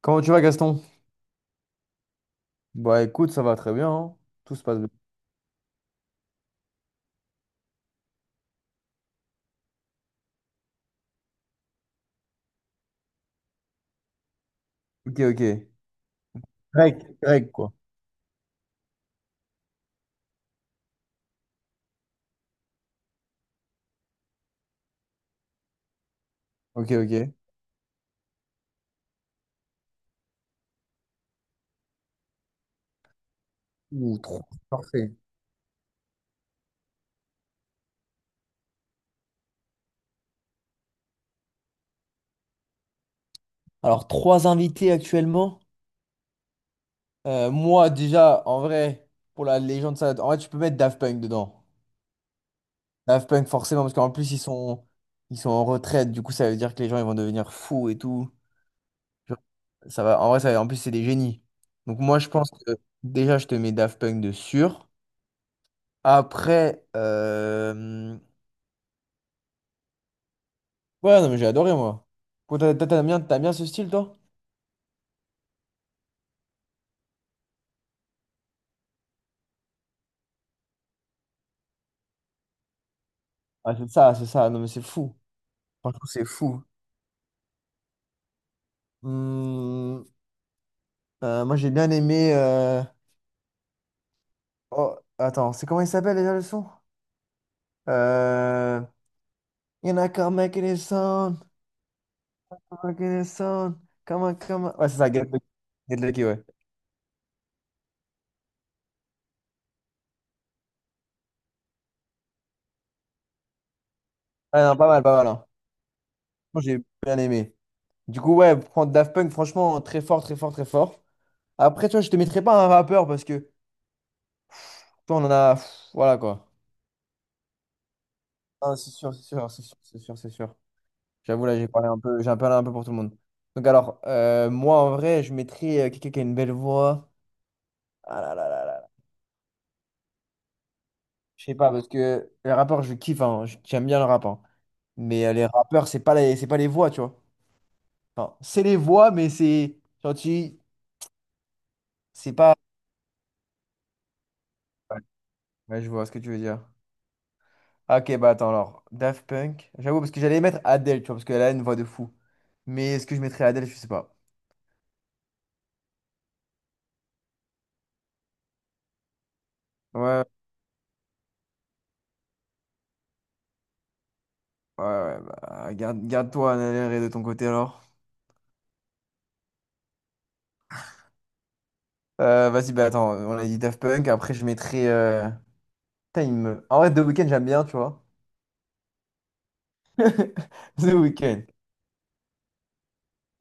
Comment tu vas, Gaston? Bah écoute, ça va très bien, hein. Tout se passe bien. Ok, ok. Greg, Greg, quoi. Ok, ok. Ouh, trop parfait. Alors, trois invités actuellement. Moi, déjà, en vrai, pour la légende, ça... En vrai, tu peux mettre Daft Punk dedans. Daft Punk, forcément, parce qu'en plus, ils sont en retraite. Du coup, ça veut dire que les gens, ils vont devenir fous et tout. Genre, ça va... En vrai, en plus, c'est des génies. Donc, moi, je pense que déjà, je te mets Daft Punk de sûr. Après, ouais, non, mais j'ai adoré, moi. Toi, t'aimes bien, t'aimes bien ce style, toi? Ah, c'est ça, c'est ça. Non, mais c'est fou. Franchement, c'est fou. Hmm, moi, j'ai bien aimé. Oh, attends, c'est comment il s'appelle déjà le son? Euh... You're not gonna make it a sound. Come on, sound. Come on, come on. Ouais, c'est ça, Get Lucky. Get Lucky, ouais. Ah, non, pas mal, pas mal, hein. Moi, j'ai bien aimé. Du coup, ouais, prendre Daft Punk, franchement, très fort, très fort, très fort. Après, tu vois, je te mettrai pas un rappeur parce que, toi, on en a, pff, voilà, quoi. Ah, c'est sûr, c'est sûr, c'est sûr, c'est sûr, c'est sûr. J'avoue, là, j'ai parlé un peu pour tout le monde. Donc, alors, moi, en vrai, je mettrais quelqu'un qui a une belle voix. Ah là là là là, là. Je sais pas, parce que les rappeurs, je kiffe, hein, j'aime bien le rap, hein. Mais les rappeurs, c'est pas les voix, tu vois. Enfin, c'est les voix, mais c'est. Genre, tu- C'est pas. Ouais, ouais, je vois ce que tu veux dire. Ah, ok, bah attends, alors. Daft Punk. J'avoue, parce que j'allais mettre Adele, tu vois, parce qu'elle a une voix de fou. Mais est-ce que je mettrais Adele, je sais pas. Ouais. Ouais, ouais, bah, garde, garde-toi un aller de ton côté alors. Vas-y, bah attends, on a dit Daft Punk, après je mettrai, putain, en vrai, The Weeknd, j'aime bien, tu vois. The Weeknd.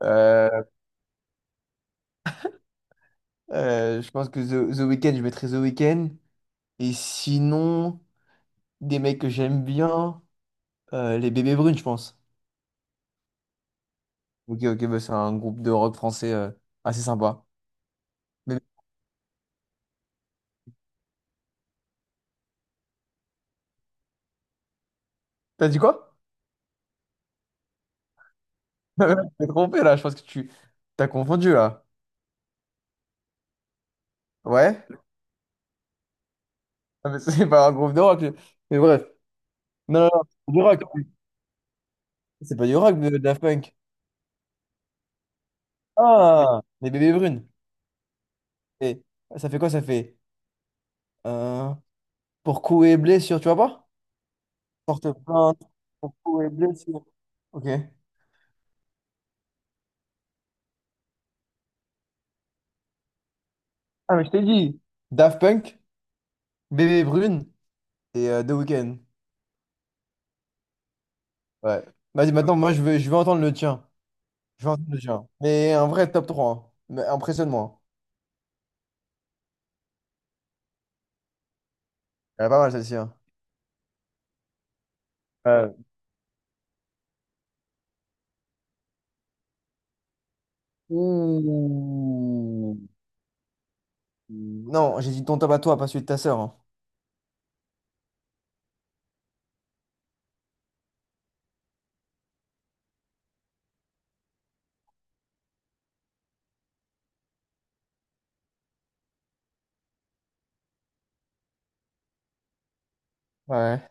Euh, je pense que The Weeknd, je mettrai The Weeknd. Et sinon, des mecs que j'aime bien, les Bébés Brunes, je pense. Ok, ok, bah, c'est un groupe de rock français assez sympa. Mais- T'as dit quoi? Je t'ai trompé là, je pense que tu t'as confondu là. Ouais? Ah, mais c'est pas un groupe de rock. Mais bref. Non, non, non, c'est du rock. C'est pas du rock, de Daft Punk. Ah, les bébés brunes. Et ça fait quoi? Ça fait euh, pour coups et blessure, tu vois pas? Porte plainte pour coups et blessure. Ok. Ah, mais je t'ai dit. Daft Punk, bébé brune et The Weeknd. Ouais. Vas-y, maintenant, moi, je veux entendre le tien. Je veux entendre le tien. Mais un vrai top trois, hein. Mais impressionne-moi. Elle est pas mal, celle-ci, hein. Euh, ouh. Non, j'ai dit ton top à toi, pas celui de ta sœur, hein. Ouais.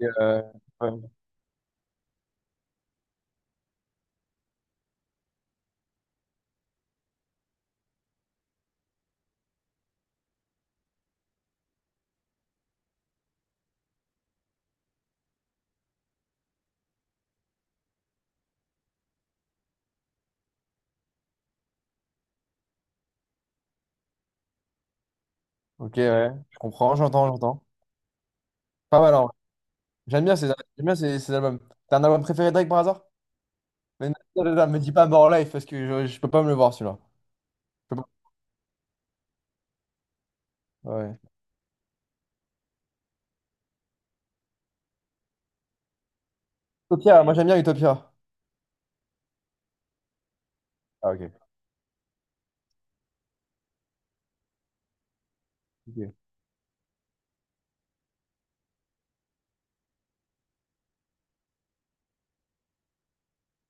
Et, ouais. Ok, ouais, je comprends, j'entends, j'entends. Pas mal, en vrai. J'aime bien ces, ces albums. T'as un album préféré de Drake par hasard? Mais non, non, non, me dis pas More Life parce que je peux pas me le voir celui-là. Je peux pas. Ouais. Utopia, moi j'aime bien Utopia. Ah, ok. Ok,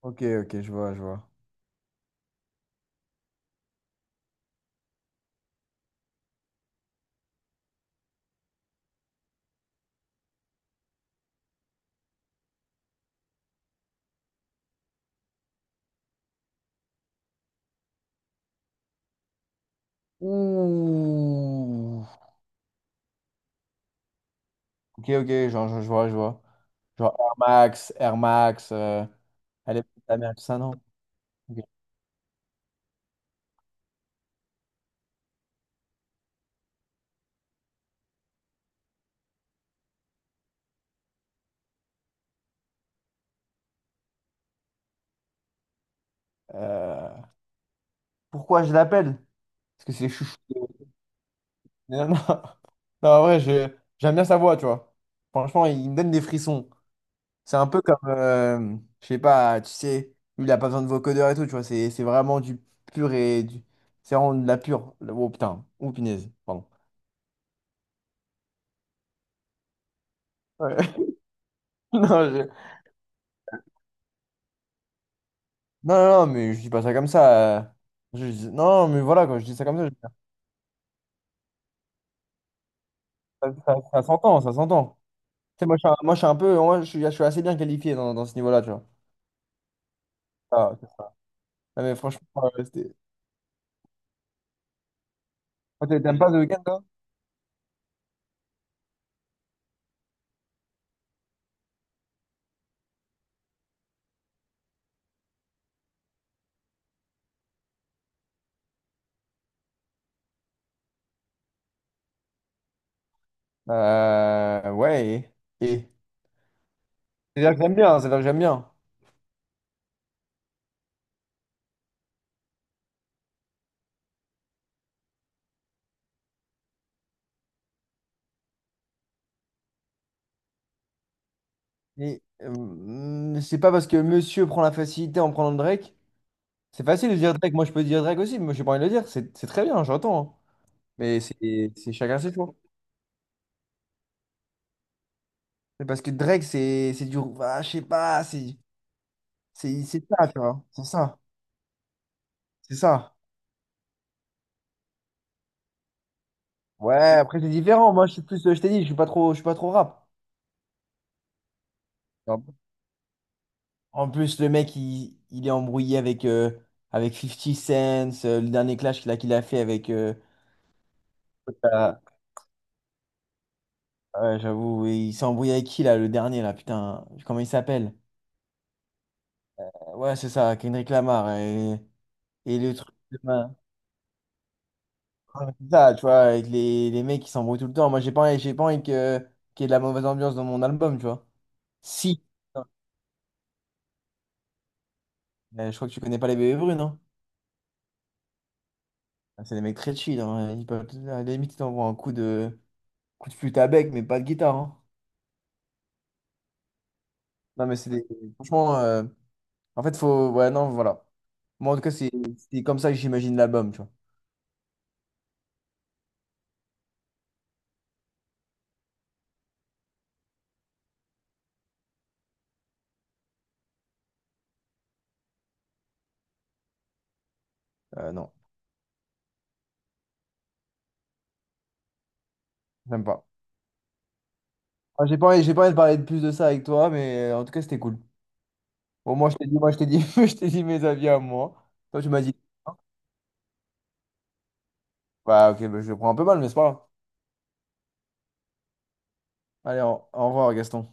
ok, ok, je vois, je vois. Ouh. Ok, ok, genre, je vois, je vois. Genre Air Max, Air Max, elle est ta mère, tout ça, non? Ok. Euh, pourquoi je l'appelle? Parce que c'est les chouchous. Mais non, non. Non, en vrai, j'aime bien sa voix, tu vois. Franchement, il me donne des frissons. C'est un peu comme, je sais pas, tu sais, lui, il a pas besoin de vocodeur et tout, tu vois. C'est vraiment du pur et du... C'est vraiment de la pure. Oh putain, oh punaise, pardon. Ouais. Non, je- non, non, non, mais je dis pas ça comme ça, Je dis- Non, mais voilà, quand je dis ça comme ça, veux dire, ça s'entend, ça s'entend. Tu sais, moi, je suis un, moi, je suis un peu, moi, je suis assez bien qualifié dans, dans ce niveau-là, tu vois. Ah, ok. Non, mais franchement, c'était... Moi, t'aimes pas The Weeknd, toi? Ouais, et- C'est-à-dire que j'aime bien, c'est-à-dire que j'aime bien. Mais c'est pas parce que monsieur prend la facilité en prenant Drake. C'est facile de dire Drake, moi je peux dire Drake aussi, mais moi j'ai pas envie de le dire. C'est très bien, j'entends, hein. Mais c'est chacun ses choix. C'est parce que Drake, c'est du. Ah, je sais pas, c'est ça, tu vois. C'est ça, c'est ça. Ouais, après c'est différent. Moi je suis plus, je t'ai dit, je suis pas trop rap. En plus, le mec, il est embrouillé avec, avec Fifty Cent, le dernier clash qu'il a fait avec... Ah, ouais, j'avoue, oui, il s'est embrouillé avec qui, là, le dernier, là, putain, comment il s'appelle? Ouais, c'est ça, Kendrick Lamar. Et le truc... de- Ouais, c'est ça, tu vois, avec les mecs qui s'embrouillent tout le temps. Moi, j'ai pas envie que, qu'il y ait de la mauvaise ambiance dans mon album, tu vois. Si. Je crois que tu connais pas les bébés brunes, non? C'est des mecs très chill, hein. Ils peuvent, à la limite, ils t'envoient coup de flûte à bec, mais pas de guitare, hein. Non, mais c'est des- Franchement, en fait, faut. Ouais, non, voilà. Moi, en tout cas, c'est comme ça que j'imagine l'album, tu vois. Non, j'aime pas. Ah, j'ai pas envie de parler de plus de ça avec toi, mais en tout cas, c'était cool. Bon, moi, je t'ai dit, je t'ai dit mes avis à moi. Toi, tu m'as dit. Hein. Bah, ok, bah, je le prends un peu mal, mais c'est pas grave. Allez, au revoir, Gaston.